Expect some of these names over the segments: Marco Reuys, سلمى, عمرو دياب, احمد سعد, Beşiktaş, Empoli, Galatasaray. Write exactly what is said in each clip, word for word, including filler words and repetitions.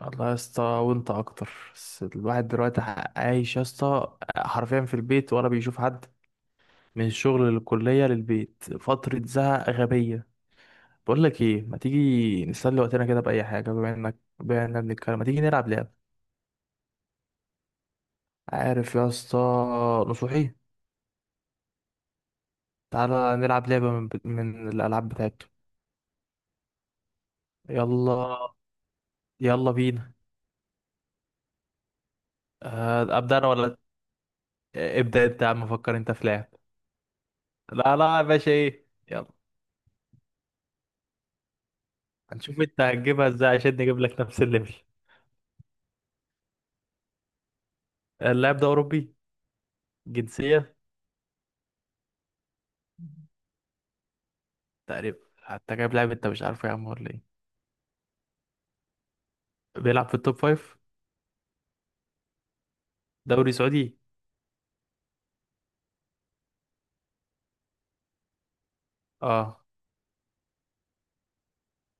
والله يا اسطى وانت اكتر. بس الواحد دلوقتي ح- عايش يا اسطى حرفيا في البيت ولا بيشوف حد، من الشغل للكلية للبيت. فترة زهق غبية. بقول لك ايه، ما تيجي نسلي وقتنا كده بأي حاجة؟ بما انك بما اننا بنتكلم ما تيجي نلعب لعبة؟ عارف يا اسطى؟ نصوحي. تعالى نلعب لعبة من, من الألعاب بتاعته. يلا، يلا بينا. آه، أبدأ أنا ولا إيه؟ ابدأ أنت يا عم، فكر أنت في لعب. لا لا يا باشا، ايه يلا. هنشوف انت هتجيبها ازاي عشان نجيب لك نفس الليفل. اللاعب ده أوروبي؟ جنسية؟ تقريبا حتى جايب لاعب أنت مش عارفه يا عم ولا إيه؟ بيلعب في التوب فايف؟ دوري سعودي؟ آه.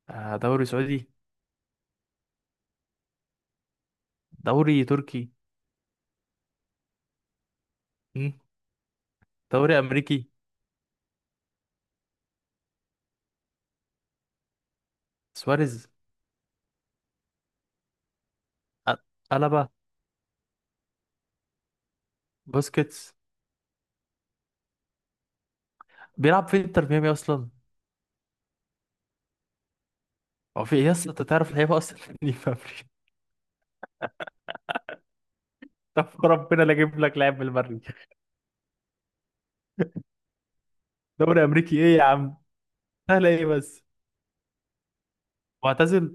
آه، دوري سعودي. دوري تركي. مم. دوري أمريكي. سواريز. أ- ألابا. بوسكيتس. بيلعب في انتر ميامي أصلا. هو في إيه يا اسطى، أنت تعرف لعيبة أصلا دي في أمريكا؟ طب ربنا لا أجيب لك لاعب من المريخ. دوري أمريكي إيه يا عم؟ سهلة إيه بس؟ معتزل.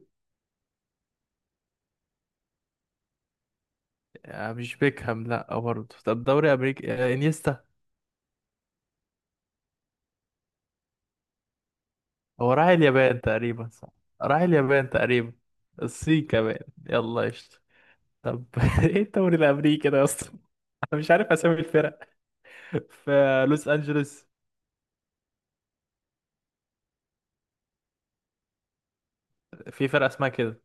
آه، مش بيكهام؟ لا برضه. طب دوري أمريكي، آه، انيستا. هو راح اليابان تقريبا، صح؟ راح اليابان تقريبا. الصين كمان. يلا قشطة. طب ايه الدوري الامريكي ده يا اسطى؟ انا مش عارف اسامي الفرق. في لوس انجلوس، في فرقه اسمها كده.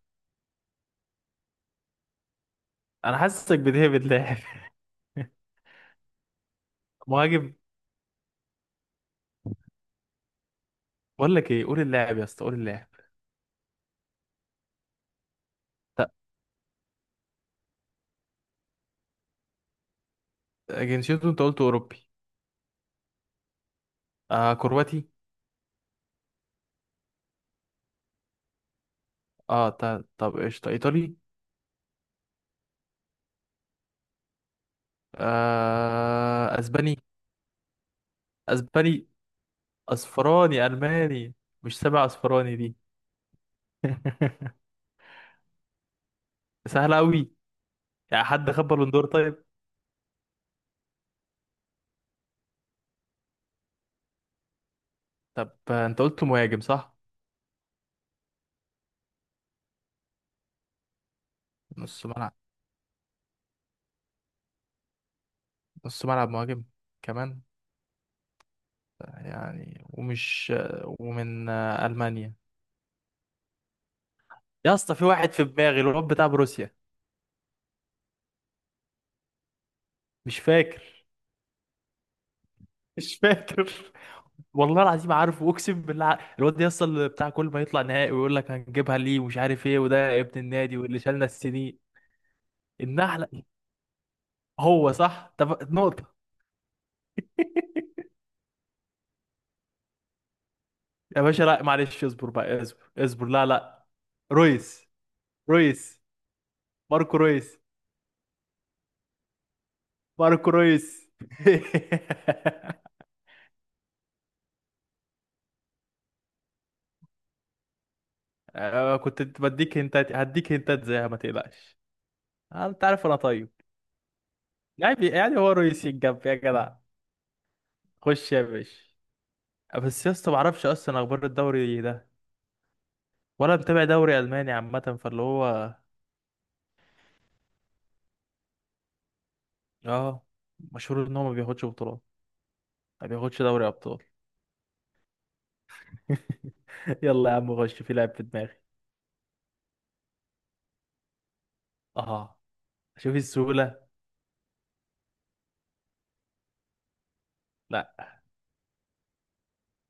انا حاسسك بتهبد لاعب مهاجم؟ بقول لك ايه، قول اللاعب يا اسطى، قول اللاعب. طب جنسيته، انت قلت اوروبي. آه كرواتي. اه طب طب قشطة، ايطالي. آه اسباني. اسباني، اصفراني الماني. مش سبع اصفراني دي؟ سهله قوي. يعني حد خد بالون دور؟ طيب. طب آه، انت قلت مهاجم صح؟ نص ملعب. نص ملعب مهاجم كمان. يعني ومش آه، ومن آه، ألمانيا؟ يا اسطى في واحد في دماغي، الواد بتاع بروسيا. مش فاكر. مش فاكر والله العظيم، عارفه اقسم بالله، عارف. الواد ده اصلا اللي بتاع كل ما يطلع نهائي ويقول لك هنجيبها ليه ومش عارف ايه، وده ابن النادي واللي شالنا السنين. النحله. هو صح. طب نقطه. يا باشا لا معلش، اصبر بقى، اصبر اصبر. لا لا. رويس. رويس. ماركو رويس. ماركو رويس. أنا كنت بديك هنتات، هديك هنتات زيها ما تقلقش. آه، انت عارف انا طيب. يعني يعني هو رويس يتجاب يا جدع؟ خش يا باشا. آه، بس يا اسطى ما اعرفش اصلا اخبار الدوري ده، ولا متابع دوري الماني عامه. فاللي هو اه مشهور ان هو ما بياخدش بطولات، ما بياخدش دوري ابطال. يلا يا عم خش في لعب في دماغي. اه. شوف السهوله. لا.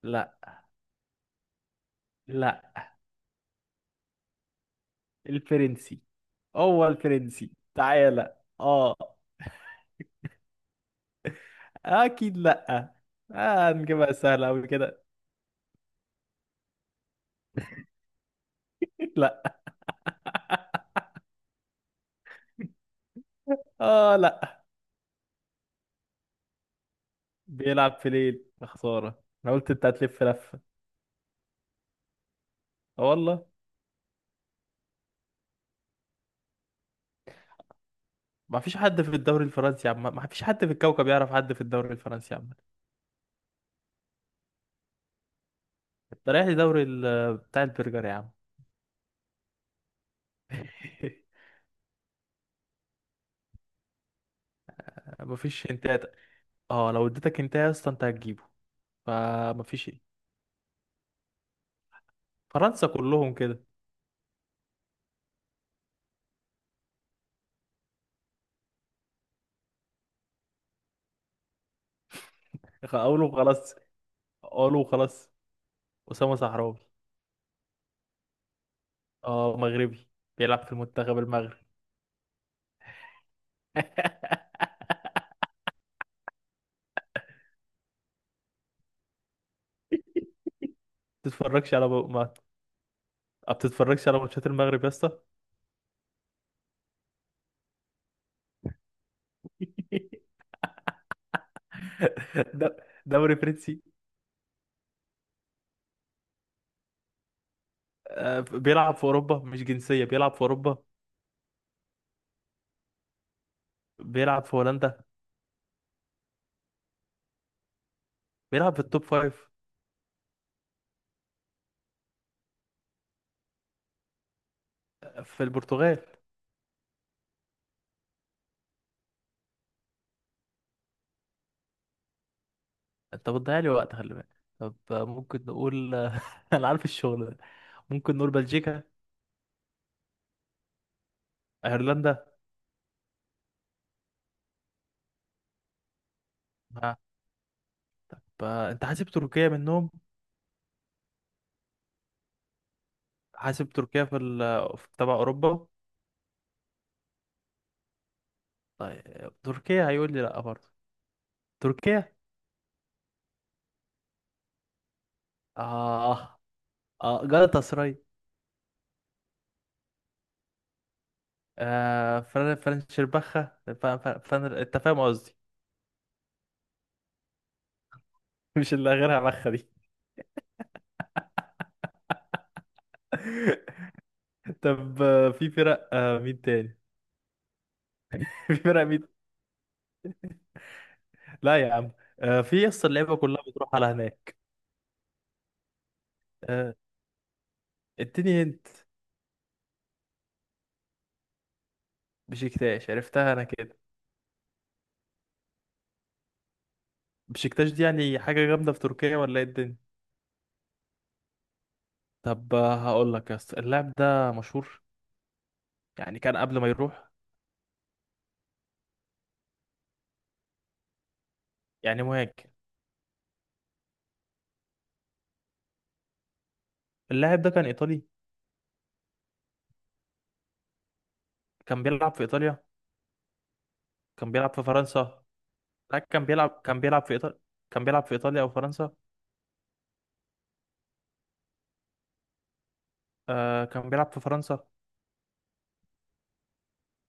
لا. لا. الفرنسي. هو الفرنسي، تعالى اه. اكيد لا. آه نجيبها سهله قوي كده. لا. اه لا. بيلعب في ليل، يا خساره انا قلت انت هتلف لفه. اه والله. ما فيش حد في الدوري الفرنسي يا عم، ما فيش حد في الكوكب يعرف حد في الدوري الفرنسي يا عم. انت رايح لدوري ال- بتاع البرجر يا عم. ما فيش انتات. اه لو اديتك انت يا اسطى انت هتجيبه، فما فيش ايه. فرنسا كلهم كده. خ- قولوا خلاص، قولوا خلاص. اسامه صحراوي. اه مغربي، بيلعب في المنتخب المغربي. تتفرجش على، ما بتتفرجش على ماتشات المغرب يا اسطى؟ د- دوري فرنسي. آه، بيلعب في اوروبا، مش جنسيه بيلعب في اوروبا. بيلعب في هولندا. بيلعب في التوب فايف. آه، في البرتغال. انت بتضيع لي وقت، خلي بالك. طب آه، ممكن نقول انا عارف الشغل ده. ممكن نقول بلجيكا. ايرلندا. آه، ب- انت حاسب تركيا منهم؟ حاسب تركيا في ال... في تبع اوروبا؟ طيب تركيا هيقول لي لا برضه. تركيا. اه. اه جالاتا. آه فرن فرنشربخة ف- ف- فن، انت فاهم قصدي. مش اللي غيرها بخة دي؟ طب آه، في فرق، آه مين تاني؟ في فرق مين؟ لا يا عم. آه في يس اللعيبة كلها بتروح على هناك. آه اديني انت. بشكتاش، عرفتها انا كده. بشكتاش دي يعني حاجة جامدة في تركيا ولا ايه الدنيا؟ طب آه، هقول لك يس، اللاعب ده مشهور؟ يعني كان قبل ما يروح يعني مهاجم؟ اللاعب ده كان ايطالي؟ كان بيلعب في ايطاليا؟ كان بيلعب في فرنسا؟ لا كان بيلعب كان بيلعب في إيطاليا. كان بيلعب في إيطاليا أو فرنسا. آه كان بيلعب في فرنسا.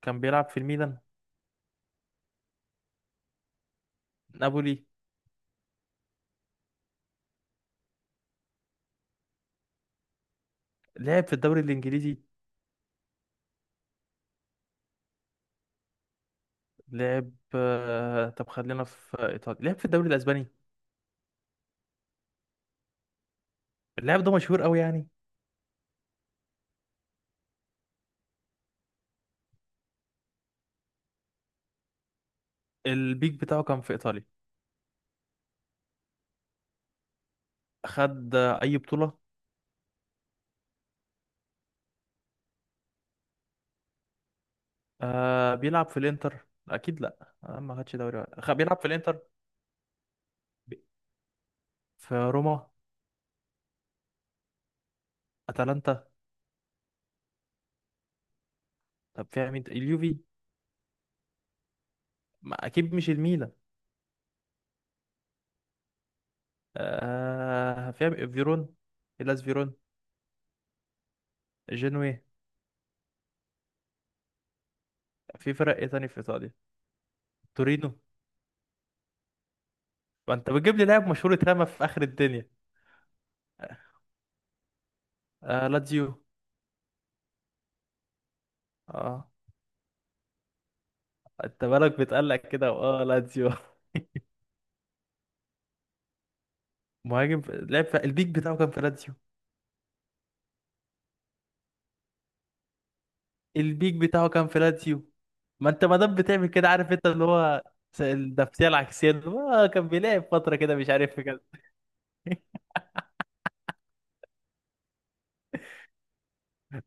كان بيلعب في الميلان. نابولي. لعب في الدوري الإنجليزي. لعب آه، طب خلينا في إيطاليا، لعب في الدوري الأسباني. اللاعب ده مشهور قوي يعني. البيك بتاعه كان في إيطاليا. خد آه، أي بطولة. آه بيلعب في الإنتر؟ أكيد لأ. آه ما خدش دوري ولا- خ- بيلعب في الإنتر. ب- في روما. أتلانتا. طب فيها مين، ت- اليوفي؟ ما أكيد مش الميلان. آه فيها فيرون، إلاس فيرون. جنوي. في فرق ايه تاني في ايطاليا؟ تورينو. ما انت بتجيب لي لاعب مشهور اترمى في اخر الدنيا. آه لاتزيو. اه. انت بالك بتقلق كده، واه لاتزيو. مهاجم في... لعب في... البيك بتاعه كان في لاتزيو. البيك بتاعه كان في لاتزيو. ما انت ما دام بتعمل كده، عارف انت اللي هو، س- النفسيه العكسيه، اللي هو آه كان بيلعب فتره كده مش عارف في كده.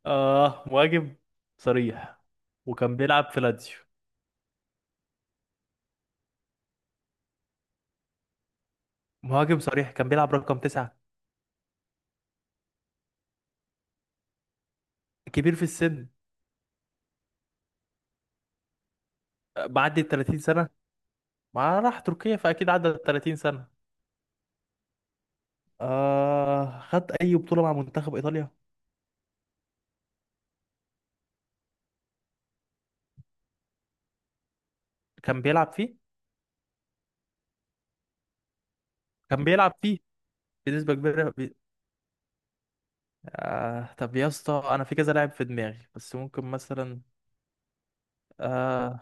اه مهاجم صريح وكان بيلعب في لاتزيو. مهاجم صريح، كان بيلعب رقم تسعة. كبير في السن. آه، معدي ال تلاتين سنة، ما راح تركيا فأكيد عدى تلاتين سنة. آه خد أي بطولة مع منتخب إيطاليا. كان بيلعب فيه. كان بيلعب فيه بنسبة كبيرة بي... آه. طب يا اسطى أنا في كذا لاعب في دماغي بس ممكن مثلا آه.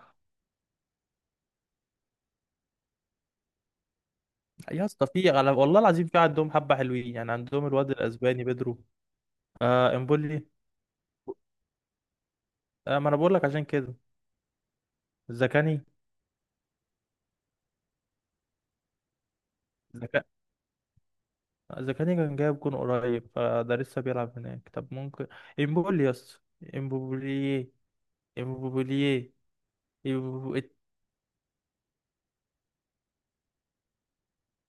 يا اسطى في على... والله العظيم في عندهم حبة حلوين، يعني عندهم الواد الأسباني بيدرو. آه إمبولي. آه ما أنا بقول لك عشان كده. زكاني. زكا... زكاني كان جايب جون قريب، فده لسه بيلعب هناك. طب ممكن إمبولي يا اسطى، إمبولي. إمبولي.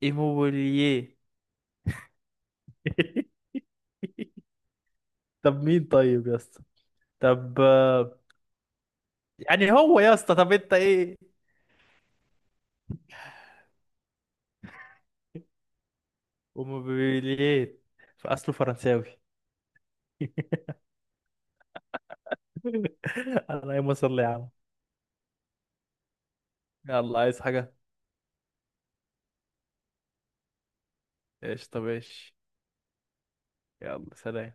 ايموبيلييه. طب مين طيب يا اسطى؟ طب آه، يعني هو يا اسطى، طب انت ايه؟ وموبيليات، فاصله فرنساوي. انا ايه مصر يا عم. يلا، عايز حاجة؟ ايش؟ طب ايش. يلا سلام.